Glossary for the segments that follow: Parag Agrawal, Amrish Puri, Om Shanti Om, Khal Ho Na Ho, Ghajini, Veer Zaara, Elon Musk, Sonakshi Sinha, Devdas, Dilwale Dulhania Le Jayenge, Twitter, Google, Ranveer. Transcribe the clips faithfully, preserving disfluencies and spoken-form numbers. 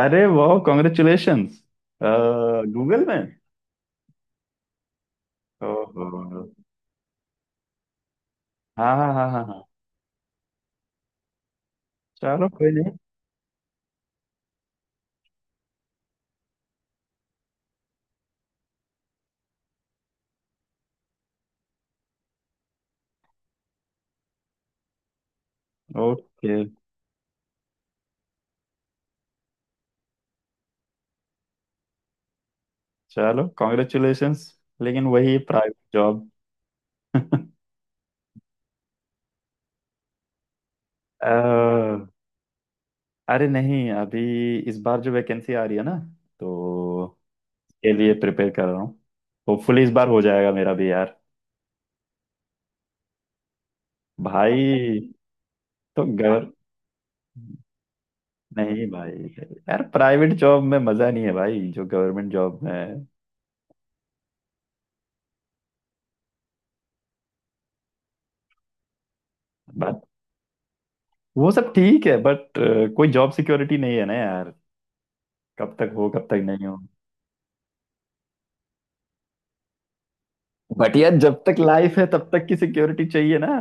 अरे वाह, congratulations. Google में? ओहो। हाँ हाँ हाँ हाँ हाँ। चलो कोई नहीं। ओके। चलो कॉन्ग्रेचुलेशंस। लेकिन वही प्राइवेट जॉब। अह, अरे नहीं अभी। इस बार जो वैकेंसी आ रही है ना, तो के लिए प्रिपेयर कर रहा हूँ। होपफुली इस बार हो जाएगा मेरा भी यार। भाई। तो गवर नहीं भाई। यार, प्राइवेट जॉब में मजा नहीं है भाई जो गवर्नमेंट जॉब में है। वो सब ठीक है, बट कोई जॉब सिक्योरिटी नहीं है ना यार। कब तक हो कब तक नहीं हो। बट यार, जब तक लाइफ है तब तक की सिक्योरिटी चाहिए ना।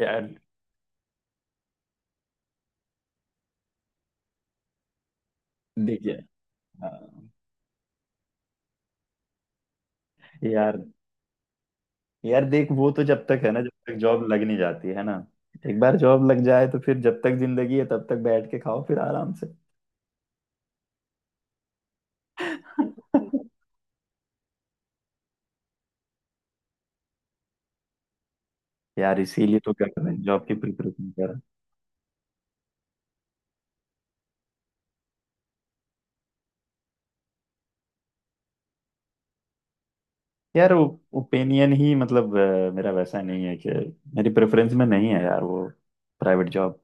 यार देखिए। हाँ। यार। यार देख, वो तो जब तक है ना, जब तक जॉब लग नहीं जाती है ना। एक बार जॉब लग जाए तो फिर जब तक जिंदगी है तब तक बैठ के खाओ फिर आराम से। यार इसीलिए तो क्या कर रहे हैं, जॉब की प्रिपरेशन कर रहे हैं। यार, ओपिनियन ही मतलब अ, मेरा वैसा नहीं है कि मेरी प्रेफरेंस में नहीं है यार वो प्राइवेट जॉब।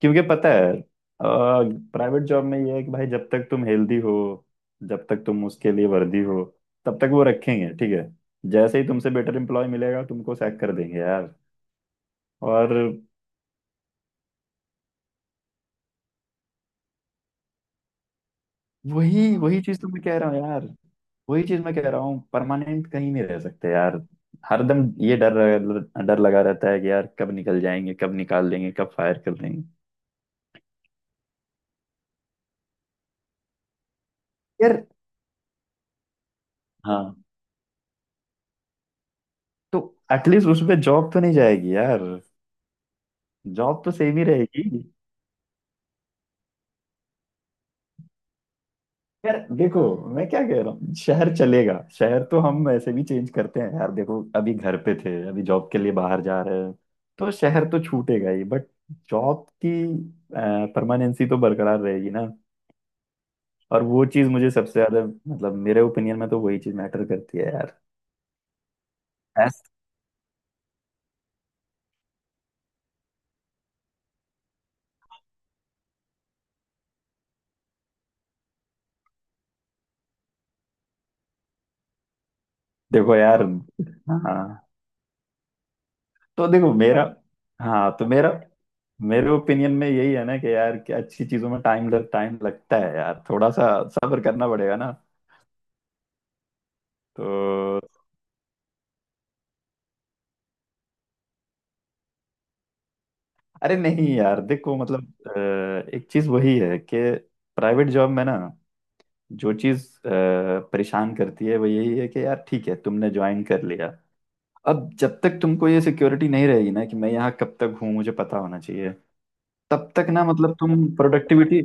क्योंकि पता है, प्राइवेट जॉब में ये है कि भाई जब तक तुम हेल्दी हो, जब तक तुम उसके लिए वर्दी हो, तब तक वो रखेंगे, ठीक है। जैसे ही तुमसे बेटर एम्प्लॉय मिलेगा तुमको सैक कर देंगे यार। और वही वही चीज तो मैं कह रहा हूँ यार। वही चीज मैं कह रहा हूँ, परमानेंट कहीं नहीं रह सकते यार। हरदम ये डर। डर लगा रहता है कि यार कब निकल जाएंगे, कब निकाल देंगे, कब फायर कर देंगे। यार। हाँ। तो एटलीस्ट उसपे जॉब तो नहीं जाएगी यार। जॉब तो सेम ही रहेगी। यार देखो, मैं क्या कह रहा हूँ, शहर चलेगा, शहर तो हम ऐसे भी चेंज करते हैं यार। देखो, अभी घर पे थे, अभी जॉब के लिए बाहर जा रहे हैं, तो शहर तो छूटेगा ही, बट जॉब की परमानेंसी तो बरकरार रहेगी ना। और वो चीज मुझे सबसे ज्यादा मतलब, मेरे ओपिनियन में तो वही चीज मैटर करती है यार। ऐस देखो यार। हाँ। तो देखो मेरा। हाँ। तो मेरा मेरे ओपिनियन में यही है ना कि यार, कि अच्छी चीजों में टाइम लग टाइम लगता है यार, थोड़ा सा सब्र करना पड़ेगा ना। तो अरे नहीं यार, देखो मतलब अ, एक चीज वही है कि प्राइवेट जॉब में ना, जो चीज परेशान करती है वो यही है कि यार, ठीक है, तुमने ज्वाइन कर लिया। अब जब तक तुमको ये सिक्योरिटी नहीं रहेगी ना कि मैं यहाँ कब तक हूँ, मुझे पता होना चाहिए, तब तक ना मतलब तुम प्रोडक्टिविटी।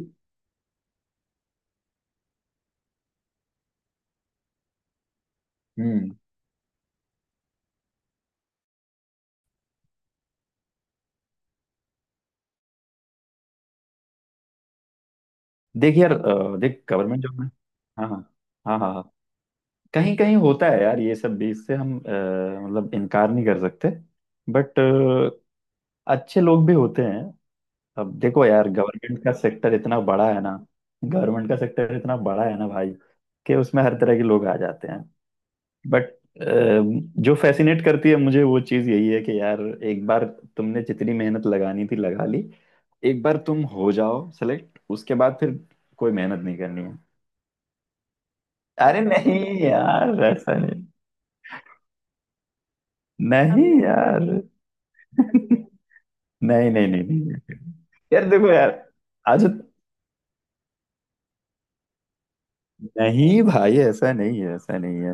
हम्म। देख यार, अ, देख गवर्नमेंट जॉब में। हाँ हाँ हाँ हाँ हाँ। कहीं कहीं होता है यार, ये सब भी, इससे हम अ, मतलब इनकार नहीं कर सकते। बट अच्छे लोग भी होते हैं। अब देखो यार, गवर्नमेंट का सेक्टर इतना बड़ा है ना। गवर्नमेंट का सेक्टर इतना बड़ा है ना भाई, कि उसमें हर तरह के लोग आ जाते हैं। बट जो फैसिनेट करती है मुझे वो चीज़ यही है कि यार, एक बार तुमने जितनी मेहनत लगानी थी लगा ली। एक बार तुम हो जाओ सेलेक्ट, उसके बाद फिर कोई मेहनत नहीं करनी है। अरे नहीं यार, ऐसा नहीं। नहीं यार। नहीं, नहीं, नहीं, नहीं। यार देखो यार। आज नहीं भाई, ऐसा नहीं है, ऐसा नहीं है।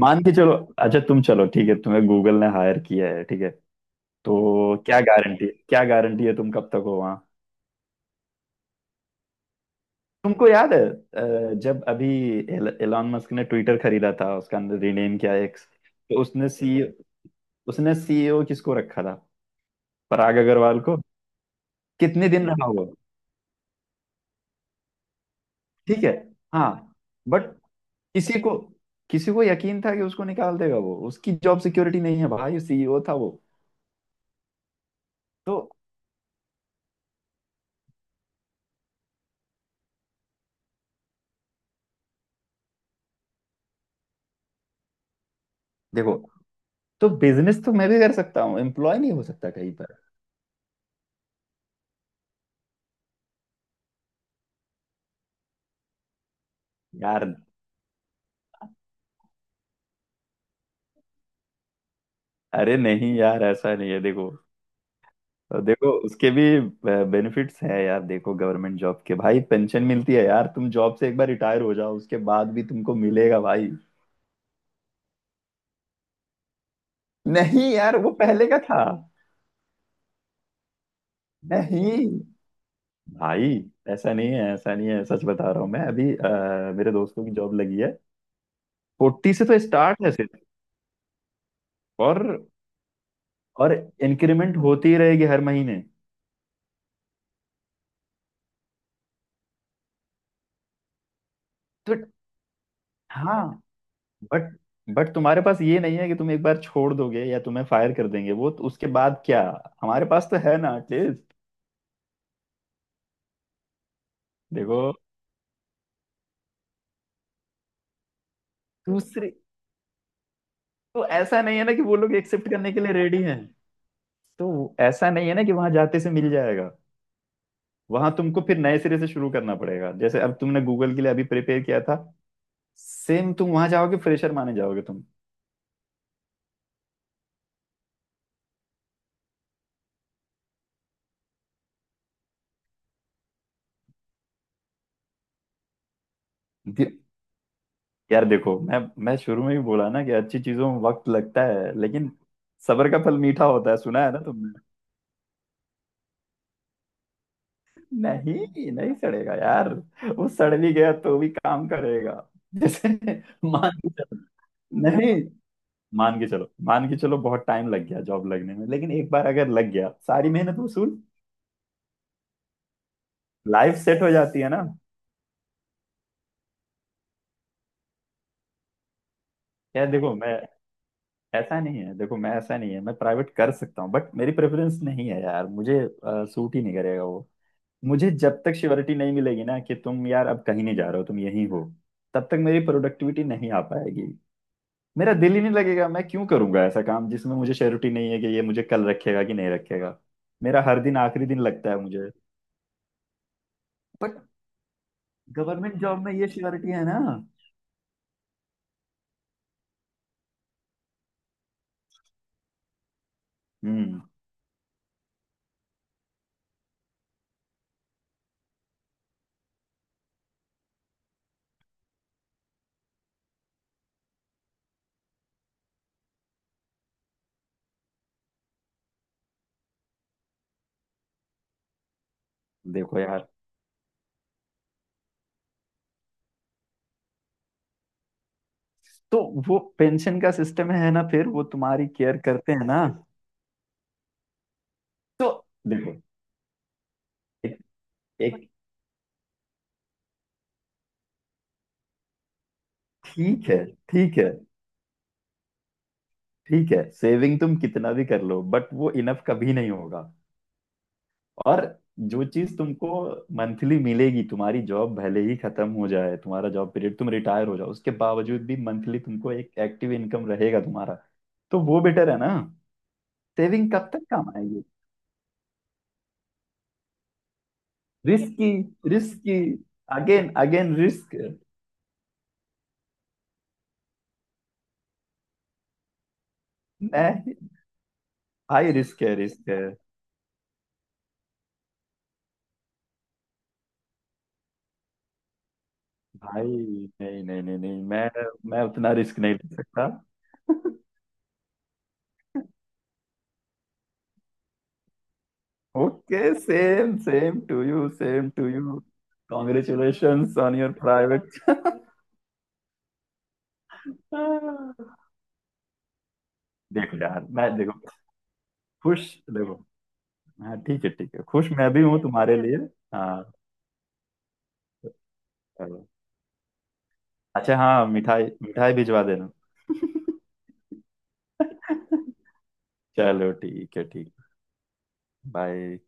मान के चलो। अच्छा, तुम चलो, ठीक है, तुम्हें गूगल ने हायर किया है, ठीक है, तो क्या गारंटी, क्या गारंटी है तुम कब तक हो वहाँ। तुमको याद है, अ, जब अभी एल, एलॉन मस्क ने ट्विटर खरीदा था, उसका अंदर रीनेम किया एक्स, तो उसने सी उसने सीईओ किसको रखा था? पराग अग्रवाल को। कितने दिन रहा वो? ठीक है। हाँ। बट किसी को किसी को यकीन था कि उसको निकाल देगा वो? उसकी जॉब सिक्योरिटी नहीं है भाई, सीईओ था वो। तो देखो, तो बिजनेस तो मैं भी कर सकता हूँ, एम्प्लॉय नहीं हो सकता कहीं पर। यार, अरे नहीं यार, ऐसा नहीं है, देखो। देखो, उसके भी बेनिफिट्स हैं यार, देखो, गवर्नमेंट जॉब के भाई, पेंशन मिलती है यार, तुम जॉब से एक बार रिटायर हो जाओ, उसके बाद भी तुमको मिलेगा भाई। नहीं यार, वो पहले का था। नहीं भाई, ऐसा नहीं है, ऐसा नहीं है, सच बता रहा हूँ, मैं अभी, अ, मेरे दोस्तों की जॉब लगी है। फोर्टी से तो स्टार्ट है सिर्फ। और और इंक्रीमेंट होती रहेगी हर महीने। तो। हाँ। बट बट तुम्हारे पास ये नहीं है कि तुम एक बार छोड़ दोगे या तुम्हें फायर कर देंगे, वो तो उसके बाद क्या? हमारे पास तो है ना एटलीस्ट। देखो। दूसरी, तो ऐसा नहीं है ना कि वो लोग एक्सेप्ट करने के लिए रेडी हैं। तो ऐसा नहीं है ना कि वहां जाते से मिल जाएगा। वहां तुमको फिर नए सिरे से शुरू करना पड़ेगा, जैसे अब तुमने गूगल के लिए अभी प्रिपेयर किया था। सेम तुम वहां जाओगे, फ्रेशर माने जाओगे तुम। दे- यार देखो, मैं मैं शुरू में ही बोला ना कि अच्छी चीजों में वक्त लगता है, लेकिन सब्र का फल मीठा होता है, सुना है ना। नहीं नहीं, सड़ेगा यार। वो सड़ भी गया तो भी काम करेगा। जैसे। मान। नहीं। मान के चलो, मान के चलो, बहुत टाइम लग गया जॉब लगने में, लेकिन एक बार अगर लग गया सारी मेहनत वसूल। लाइफ सेट हो जाती है ना। यार देखो, मैं ऐसा नहीं है, देखो मैं, ऐसा नहीं है, मैं प्राइवेट कर सकता हूँ, बट मेरी प्रेफरेंस नहीं है यार, मुझे सूट ही नहीं करेगा वो। मुझे जब तक श्योरिटी नहीं मिलेगी ना कि तुम यार अब कहीं नहीं जा रहे हो, तुम यहीं हो, तब तक मेरी प्रोडक्टिविटी नहीं आ पाएगी। मेरा दिल ही नहीं लगेगा, मैं क्यों करूंगा ऐसा काम जिसमें मुझे श्योरिटी नहीं है कि ये मुझे कल रखेगा कि नहीं रखेगा। मेरा हर दिन आखिरी दिन लगता है मुझे। बट गवर्नमेंट जॉब में ये श्योरिटी है ना। हम्म। देखो यार, तो वो पेंशन का सिस्टम है ना, फिर वो तुम्हारी केयर करते हैं ना। तो देखो। एक एक ठीक है, ठीक है, ठीक है। सेविंग तुम कितना भी कर लो, बट वो इनफ कभी नहीं होगा। और जो चीज तुमको मंथली मिलेगी, तुम्हारी जॉब भले ही खत्म हो जाए, तुम्हारा जॉब पीरियड तुम रिटायर हो जाओ, उसके बावजूद भी मंथली तुमको एक एक्टिव इनकम रहेगा तुम्हारा। तो वो बेटर है ना। सेविंग कब तक काम आएगी। Risky. Risky. Again again risk. नहीं, हाई रिस्क है, रिस्क है भाई। नहीं, नहीं, नहीं, नहीं, मैं मैं उतना रिस्क नहीं ले सकता। Okay, same same to you, same to you. Congratulations on your private. देखो यार, मैं, देखो, खुश, देखो, हाँ, ठीक है, ठीक है, खुश मैं भी हूँ तुम्हारे लिए। हाँ। चलो, अच्छा, हाँ, मिठाई मिठाई भिजवा देना। चलो, ठीक है, ठीक। बाय।